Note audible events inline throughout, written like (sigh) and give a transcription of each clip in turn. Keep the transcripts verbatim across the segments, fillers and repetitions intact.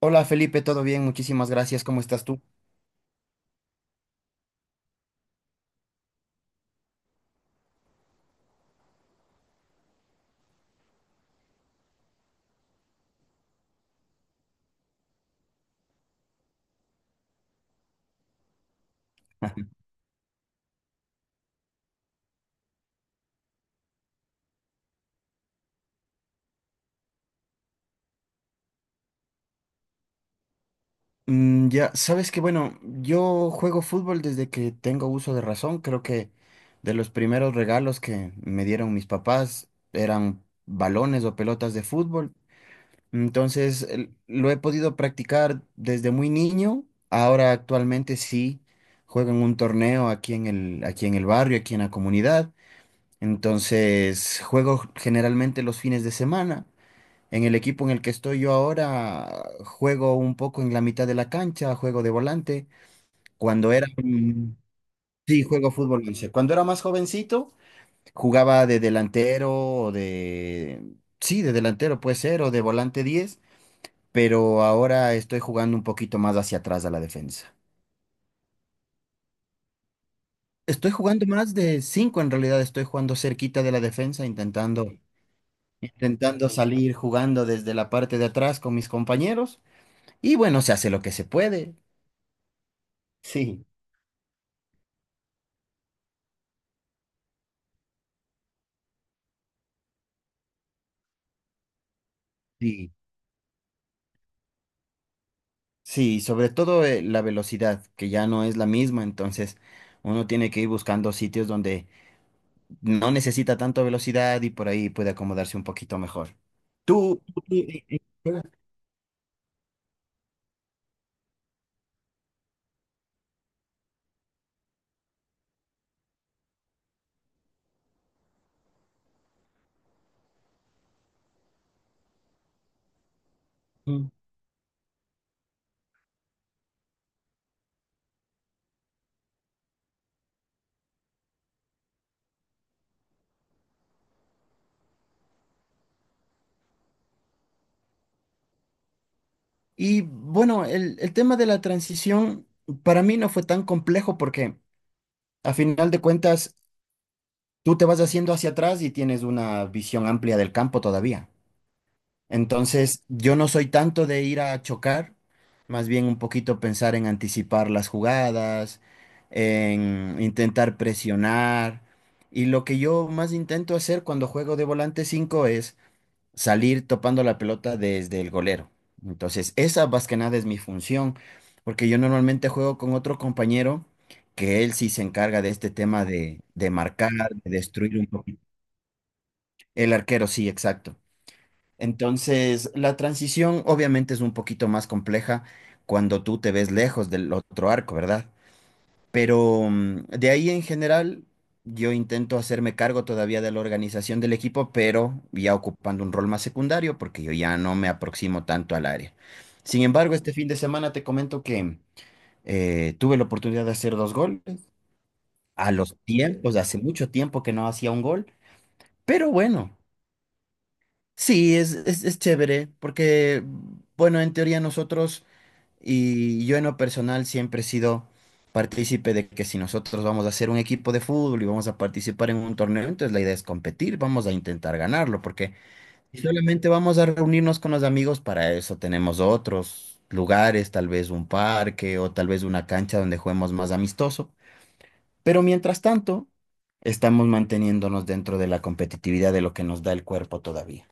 Hola Felipe, ¿todo bien? Muchísimas gracias. ¿Cómo estás tú? (laughs) Mm, ya, sabes que bueno, yo juego fútbol desde que tengo uso de razón. Creo que de los primeros regalos que me dieron mis papás eran balones o pelotas de fútbol. Entonces, el- lo he podido practicar desde muy niño. Ahora actualmente sí juego en un torneo aquí en el, aquí en el barrio, aquí en la comunidad. Entonces, juego generalmente los fines de semana. En el equipo en el que estoy yo ahora, juego un poco en la mitad de la cancha, juego de volante. Cuando era, mm, sí, juego fútbol once. Cuando era más jovencito, jugaba de delantero o de, sí, de delantero puede ser, o de volante diez, pero ahora estoy jugando un poquito más hacia atrás a la defensa. Estoy jugando más de cinco en realidad, estoy jugando cerquita de la defensa, intentando, intentando salir jugando desde la parte de atrás con mis compañeros. Y bueno, se hace lo que se puede. Sí. Sí, sí, sobre todo eh, la velocidad, que ya no es la misma, entonces uno tiene que ir buscando sitios donde no necesita tanta velocidad y por ahí puede acomodarse un poquito mejor. Tú, tú- tú, eh, eh, Mm. Y bueno, el, el tema de la transición para mí no fue tan complejo porque a final de cuentas tú te vas haciendo hacia atrás y tienes una visión amplia del campo todavía. Entonces, yo no soy tanto de ir a chocar, más bien un poquito pensar en anticipar las jugadas, en intentar presionar. Y lo que yo más intento hacer cuando juego de volante cinco es salir topando la pelota desde el golero. Entonces, esa más que nada es mi función, porque yo normalmente juego con otro compañero que él sí se encarga de este tema de, de marcar, de destruir un poquito. El arquero, sí, exacto. Entonces, la transición obviamente es un poquito más compleja cuando tú te ves lejos del otro arco, ¿verdad? Pero mm, de ahí en general, yo intento hacerme cargo todavía de la organización del equipo, pero ya ocupando un rol más secundario porque yo ya no me aproximo tanto al área. Sin embargo, este fin de semana te comento que eh, tuve la oportunidad de hacer dos goles a los tiempos, hace mucho tiempo que no hacía un gol, pero bueno. Sí, es, es, es chévere, porque, bueno, en teoría nosotros y yo en lo personal siempre he sido partícipe de que si nosotros vamos a hacer un equipo de fútbol y vamos a participar en un torneo, entonces la idea es competir, vamos a intentar ganarlo, porque si solamente vamos a reunirnos con los amigos, para eso tenemos otros lugares, tal vez un parque o tal vez una cancha donde juguemos más amistoso, pero mientras tanto, estamos manteniéndonos dentro de la competitividad de lo que nos da el cuerpo todavía.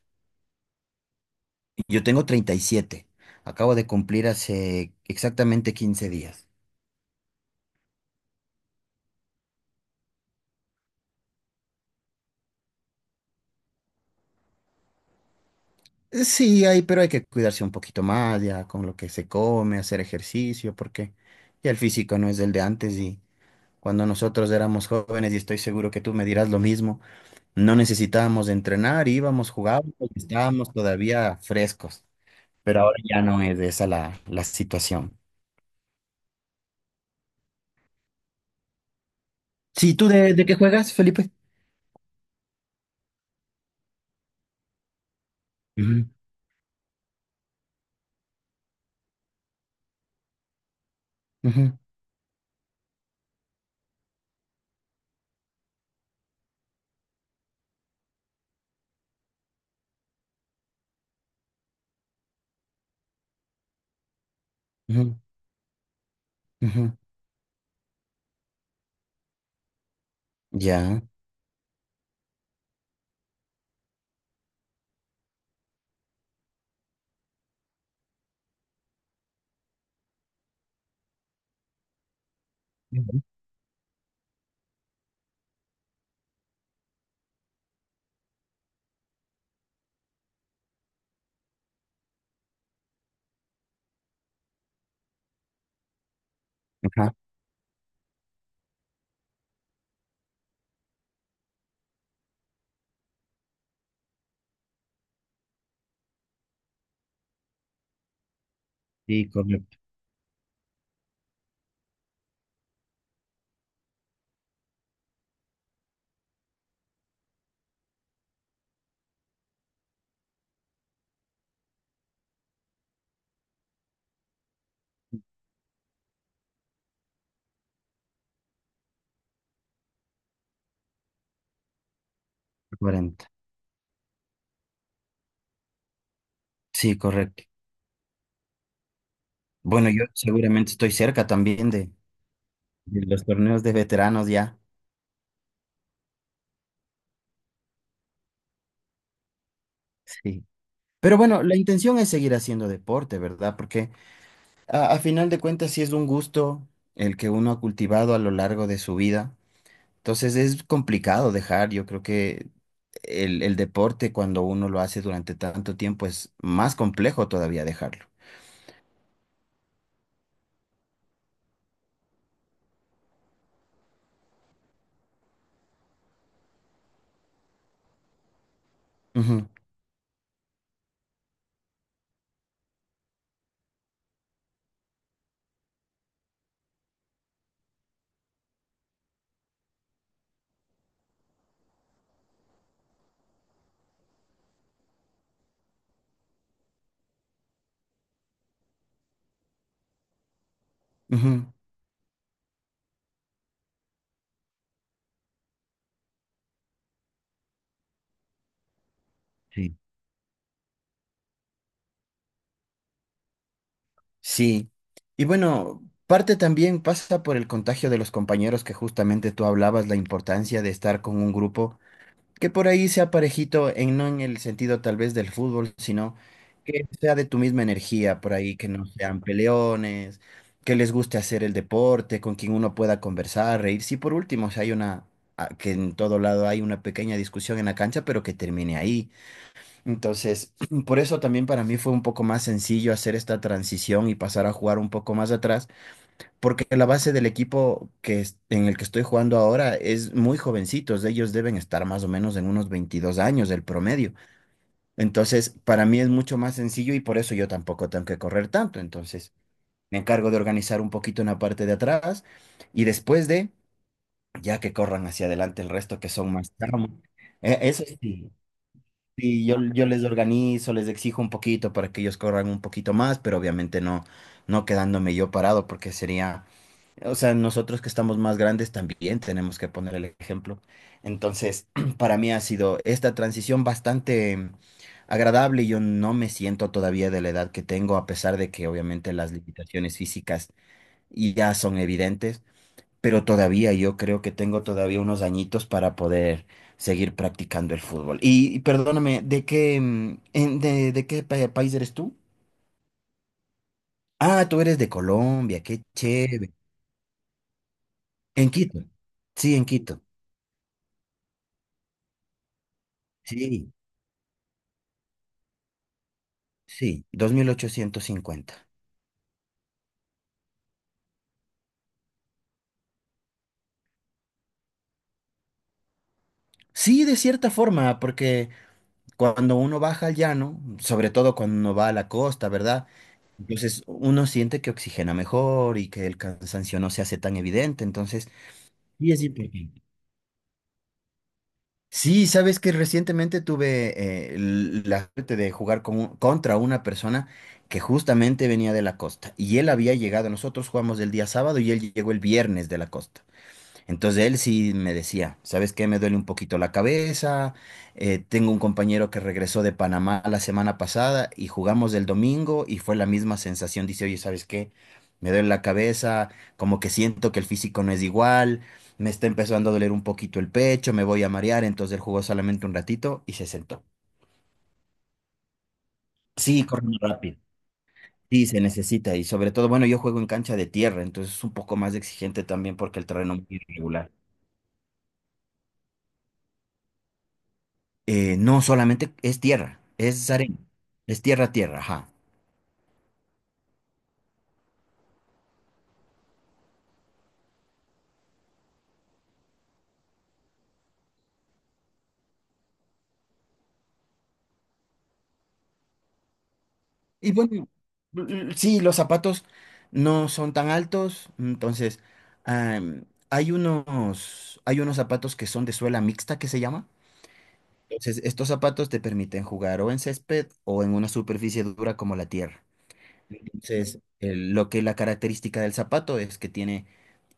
Yo tengo treinta y siete. Acabo de cumplir hace exactamente quince días. Eh, Sí, hay, pero hay que cuidarse un poquito más ya con lo que se come, hacer ejercicio, porque ya el físico no es el de antes y cuando nosotros éramos jóvenes, y estoy seguro que tú me dirás lo mismo, no necesitábamos entrenar, íbamos, jugábamos, y estábamos todavía frescos, pero ahora ya no es esa la, la situación. Sí, ¿tú de, de qué juegas, Felipe? Ujú, ujú, ujú, ujú. Ya. Ujú. Ajá. Sí, correcto. Cuarenta. Sí, correcto. Bueno, yo seguramente estoy cerca también de, de los torneos de veteranos ya. Sí. Pero bueno, la intención es seguir haciendo deporte, ¿verdad? Porque a, a final de cuentas sí es un gusto el que uno ha cultivado a lo largo de su vida. Entonces es complicado dejar. Yo creo que el, el deporte cuando uno lo hace durante tanto tiempo es más complejo todavía dejarlo. Ujú, ujú. Sí. Sí, y bueno, parte también pasa por el contagio de los compañeros que justamente tú hablabas, la importancia de estar con un grupo que por ahí sea parejito, en, no en el sentido tal vez del fútbol, sino que sea de tu misma energía por ahí, que no sean peleones, que les guste hacer el deporte, con quien uno pueda conversar, reírse. Y por último, si hay una, a- que en todo lado hay una pequeña discusión en la cancha, pero que termine ahí, entonces, (clears throat) por eso también para mí fue un poco más sencillo hacer esta transición y pasar a jugar un poco más atrás, porque la base del equipo que es- en el que estoy jugando ahora es muy jovencitos, ellos deben estar más o menos en unos veintidós años el promedio. Entonces, para mí es mucho más sencillo y por eso yo tampoco tengo que correr tanto. Entonces, me encargo de organizar un poquito en la parte de atrás y después de, ya que corran hacia adelante el resto que son más tramos. Eh, Eso sí, y yo, yo les organizo, les exijo un poquito para que ellos corran un poquito más, pero obviamente no, no quedándome yo parado, porque sería, o sea, nosotros que estamos más grandes también tenemos que poner el ejemplo. Entonces, (clears throat) para mí ha sido esta transición bastante mm, agradable. Yo no me siento todavía de la edad que tengo, a pesar de que obviamente las limitaciones físicas ya son evidentes, pero todavía yo creo que tengo todavía unos añitos para poder seguir practicando el fútbol. Y, y perdóname, ¿de qué, mm, en- de, de qué pa- país eres tú? Ah, tú eres de Colombia, qué chévere. En Quito. Sí, en Quito. Sí, sí, dos mil ochocientos cincuenta. Sí, de cierta forma, porque cuando uno baja al llano, sobre todo cuando uno va a la costa, ¿verdad? Entonces uno siente que oxigena mejor y que el cansancio no se hace tan evidente. Entonces, sí es importante. Sí, sabes que recientemente tuve eh, l- la suerte de jugar con un- contra una persona que justamente venía de la costa y él había llegado, nosotros jugamos el día sábado y él llegó el viernes de la costa. Entonces él sí me decía, ¿sabes qué? Me duele un poquito la cabeza, eh, tengo un compañero que regresó de Panamá la semana pasada y jugamos el domingo y fue la misma sensación. Dice, oye, ¿sabes qué? Me duele la cabeza, como que siento que el físico no es igual, me está empezando a doler un poquito el pecho, me voy a marear. Entonces él jugó solamente un ratito y se sentó. Sí, corre muy rápido. Sí, se necesita y sobre todo, bueno, yo juego en cancha de tierra, entonces es un poco más exigente también porque el terreno es muy irregular. Eh, no solamente es tierra, es arena, es tierra, tierra, ajá. Y bueno, l- sí, los zapatos no son tan altos, entonces am, hay unos, hay unos zapatos que son de suela mixta que se llama. Entonces, estos zapatos te permiten jugar o en césped o en una superficie dura como la tierra. Entonces, el- lo que la característica del zapato es que tiene,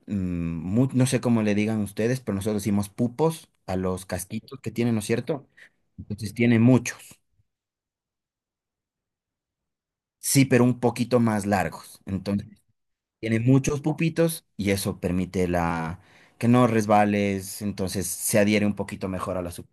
mm, mu- no sé cómo le digan ustedes, pero nosotros decimos pupos a los casquitos que tienen, ¿no es cierto? Entonces tiene mucho. Sí, pero un poquito más largos. Entonces, tiene muchos pupitos y eso permite la que no resbales, entonces se adhiere un poquito mejor a la sup-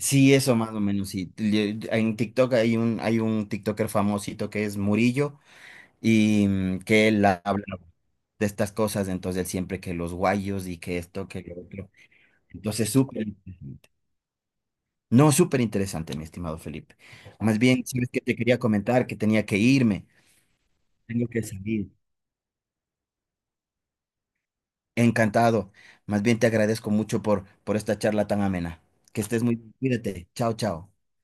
sí, eso más o menos, sí. Le- En TikTok hay un, hay un TikToker famosito que es Murillo y mm, que él ha- habla de estas cosas, entonces él siempre que los guayos y que esto, que lo otro. Entonces, súper interesante. No, súper interesante, mi estimado Felipe. Más bien, sabes que te quería comentar que tenía que irme, tengo que salir. Encantado. Más bien te agradezco mucho por, por esta charla tan amena. Que estés muy bien. Cuídate. Chao, chao.